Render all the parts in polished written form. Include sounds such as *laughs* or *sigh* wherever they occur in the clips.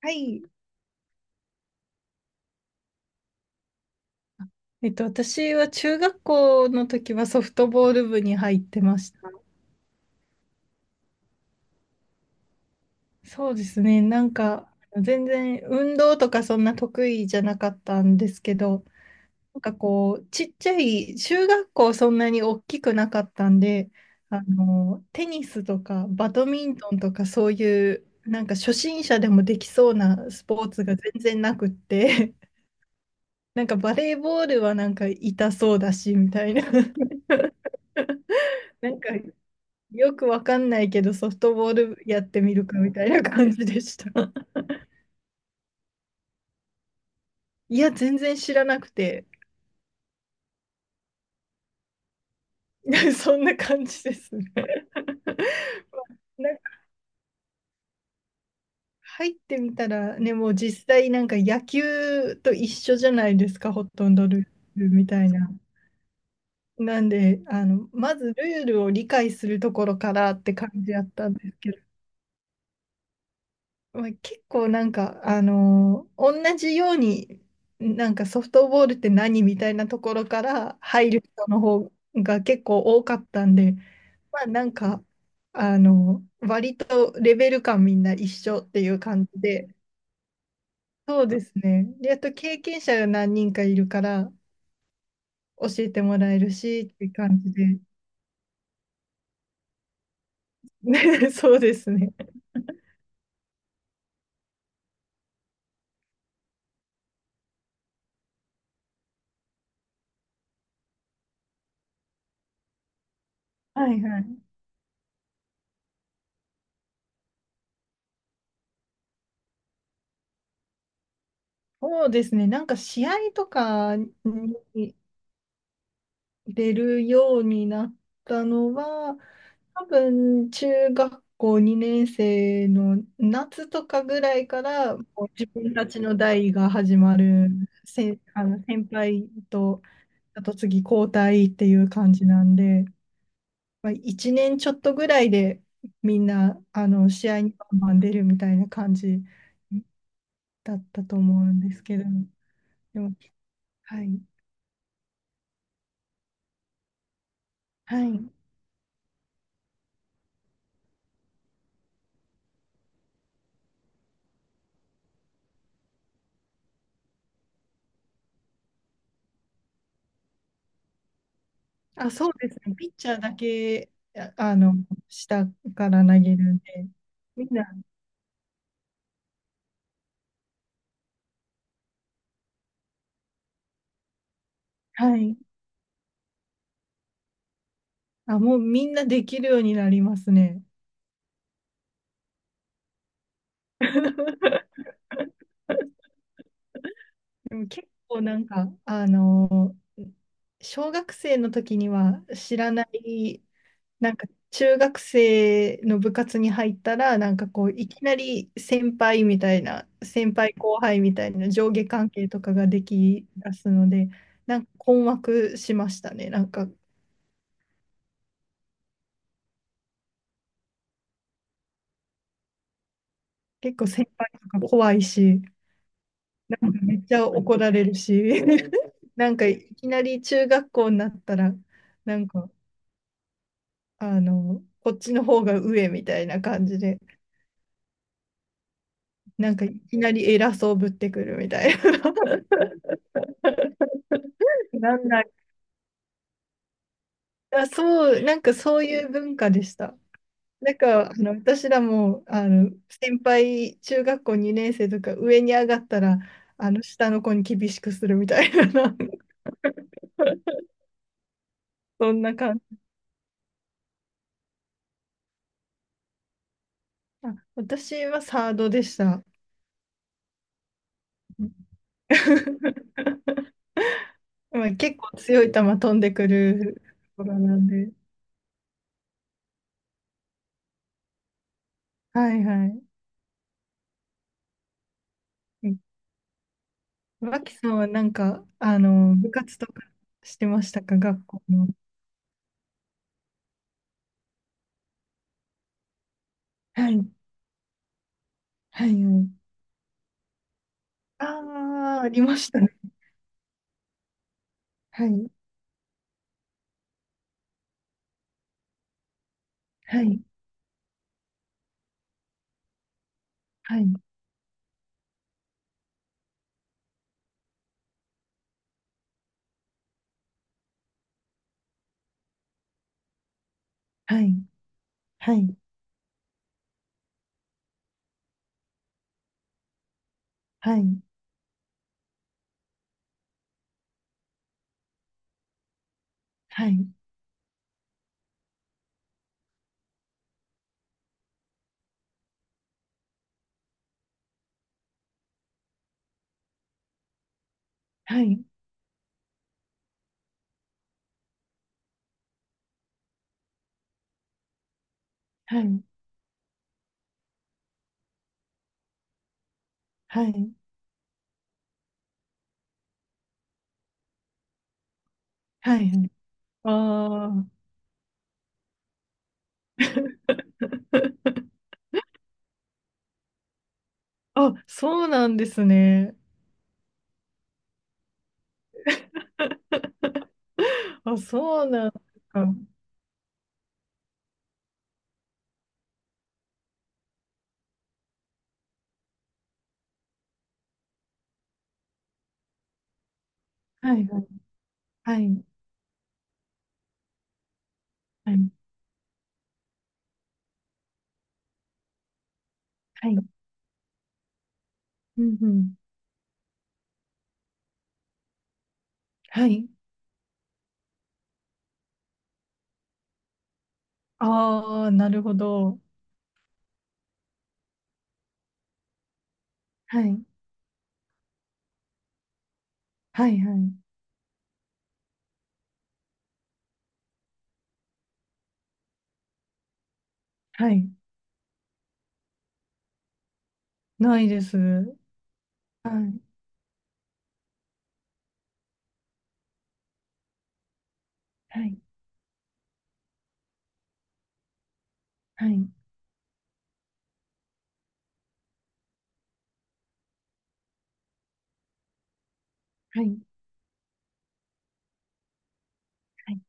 はい。私は中学校の時はソフトボール部に入ってました。そうですね。なんか、全然運動とかそんな得意じゃなかったんですけど、なんかこう、ちっちゃい、中学校そんなに大きくなかったんで、テニスとかバドミントンとかそういう、なんか初心者でもできそうなスポーツが全然なくって、*laughs* なんかバレーボールはなんか痛そうだし、みたいな。*laughs* なんかよくわかんないけど、ソフトボールやってみるかみたいな感じでした。*laughs* いや、全然知らなくて、*laughs* そんな感じですね。*laughs* なんか入ってみたら、ね、もう実際なんか野球と一緒じゃないですか、ほとんどルールみたいな。なんで、まずルールを理解するところからって感じやったんですけど、まあ、結構なんか、同じように、なんかソフトボールって何みたいなところから入る人の方が結構多かったんで、まあなんか、割とレベル感みんな一緒っていう感じで、そうですね。で、あと経験者が何人かいるから教えてもらえるしっていう感じで、*laughs* ね、そうですね。はいはい。そうですね。なんか試合とかに出るようになったのは、多分中学校2年生の夏とかぐらいからもう自分たちの代が始まる先、先輩とあと次交代っていう感じなんで、まあ、1年ちょっとぐらいでみんな試合にバンバン出るみたいな感じだったと思うんですけど、でも、はい、はい。あ、そうですね。ピッチャーだけ、下から投げるんで、みんな、はい。あ、もうみんなできるようになりますね。でも結構なんか、小学生の時には知らない、なんか中学生の部活に入ったら、なんかこう、いきなり先輩みたいな、先輩後輩みたいな上下関係とかができ出すので、なんか困惑しましたね。なんか結構先輩とか怖いし、なんかめっちゃ怒られるし、*laughs* なんかいきなり中学校になったら、なんか、こっちの方が上みたいな感じで、なんかいきなり偉そうぶってくるみたいな。*laughs* なんだ、あ、そう、なんかそういう文化でした。なんか、私らも、先輩、中学校2年生とか上に上がったら、下の子に厳しくするみたいな、*laughs* そんな感じ。あ、私はサードでした。*laughs* まあ、結構強い球飛んでくるところなんで。はいはい。うん。脇さんはなんか、部活とかしてましたか、学校の。はい、はい、はい。ああ、ありましたね。はい、はい、はい、はい、はい、はい、はい、はい、はい、はい、はい。ああ。*laughs* あ、そうなんですね。*laughs* あ、そうなんですか。はいはいはい、はい、はい、うん、うん、はい。ああ、なるほど。はい、はい、はい、はい。ないです。はい、はい、はい、はい、はい、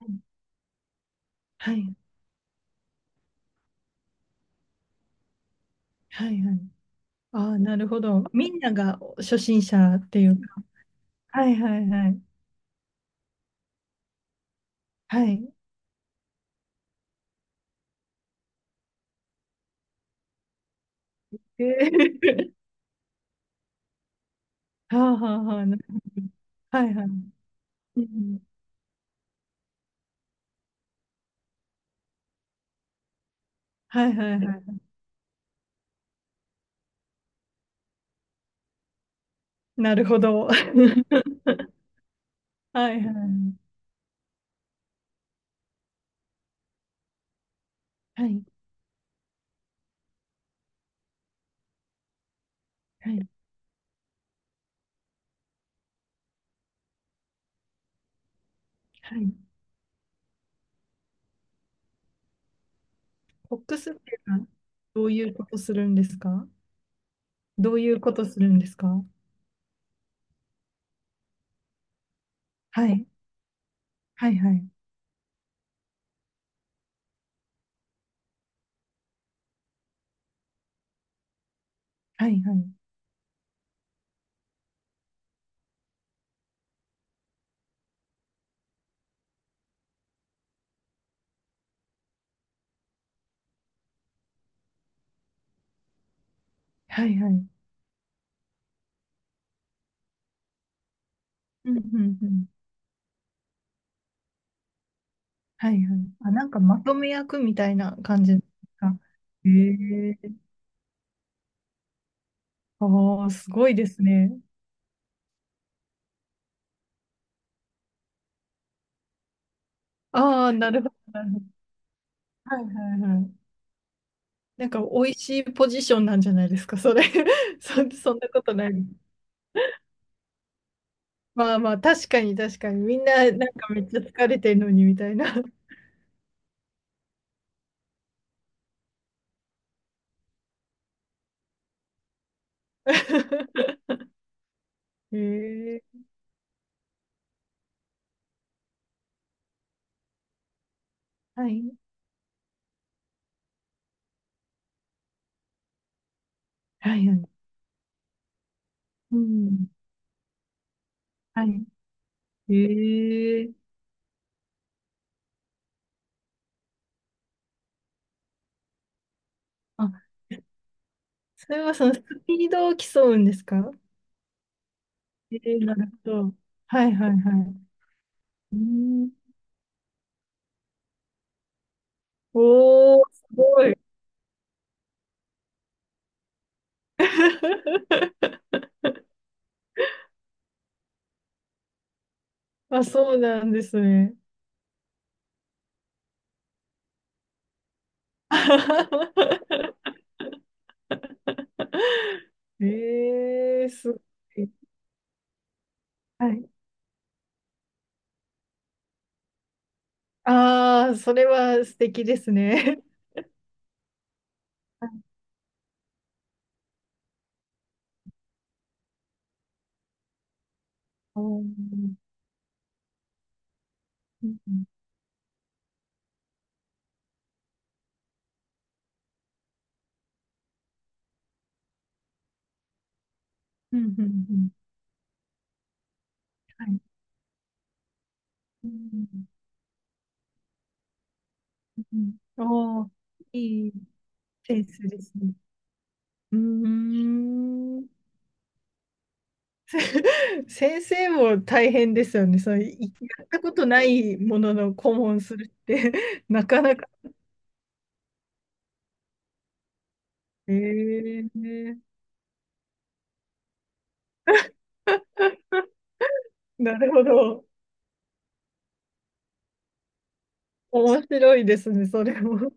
はい、はい、はい。ああ、なるほど。みんなが初心者っていうか。はい、はい、はい、はい。えー。 *laughs* はあ、はあ、はあ、なるほど。はい、はい。うん、うん。はい、はい、はい。なるほど。*laughs* はい、はい、はい、はい、はい。フックスっていうのはどういうことするんですか？どういうことするんですか？はい。はいはい。はいはい。はいはい。うんうんうん。はいはい。あ、なんかまとめ役みたいな感じですか？ええー。ああ、すごいですね。ああ、なるほど、なるほど。はいはいはい。なんか美味しいポジションなんじゃないですか、それ。*laughs* そ、そんなことない。まあまあ、確かに確かに。みんななんかめっちゃ疲れてるのにみたいな。*laughs* へえ。はい。はいはい。うん。はい。ええ。あ、それはそのスピードを競うんですか？ええ、なるほど。はいはいはい。うん。おー、すごい。*laughs* あ、そうなんですね。*laughs* ええ、すごい。はい。ああ、それは素敵ですね。*laughs* はい。おー。うん、うん、うん、うん、うん。はい。うん、うん。おー、いいセンスですね。うーん。*laughs* 先生も大変ですよね。そう、いやったことないものの顧問するって、 *laughs* なかなか。えー。*laughs* なるほど。面白いですね、それも。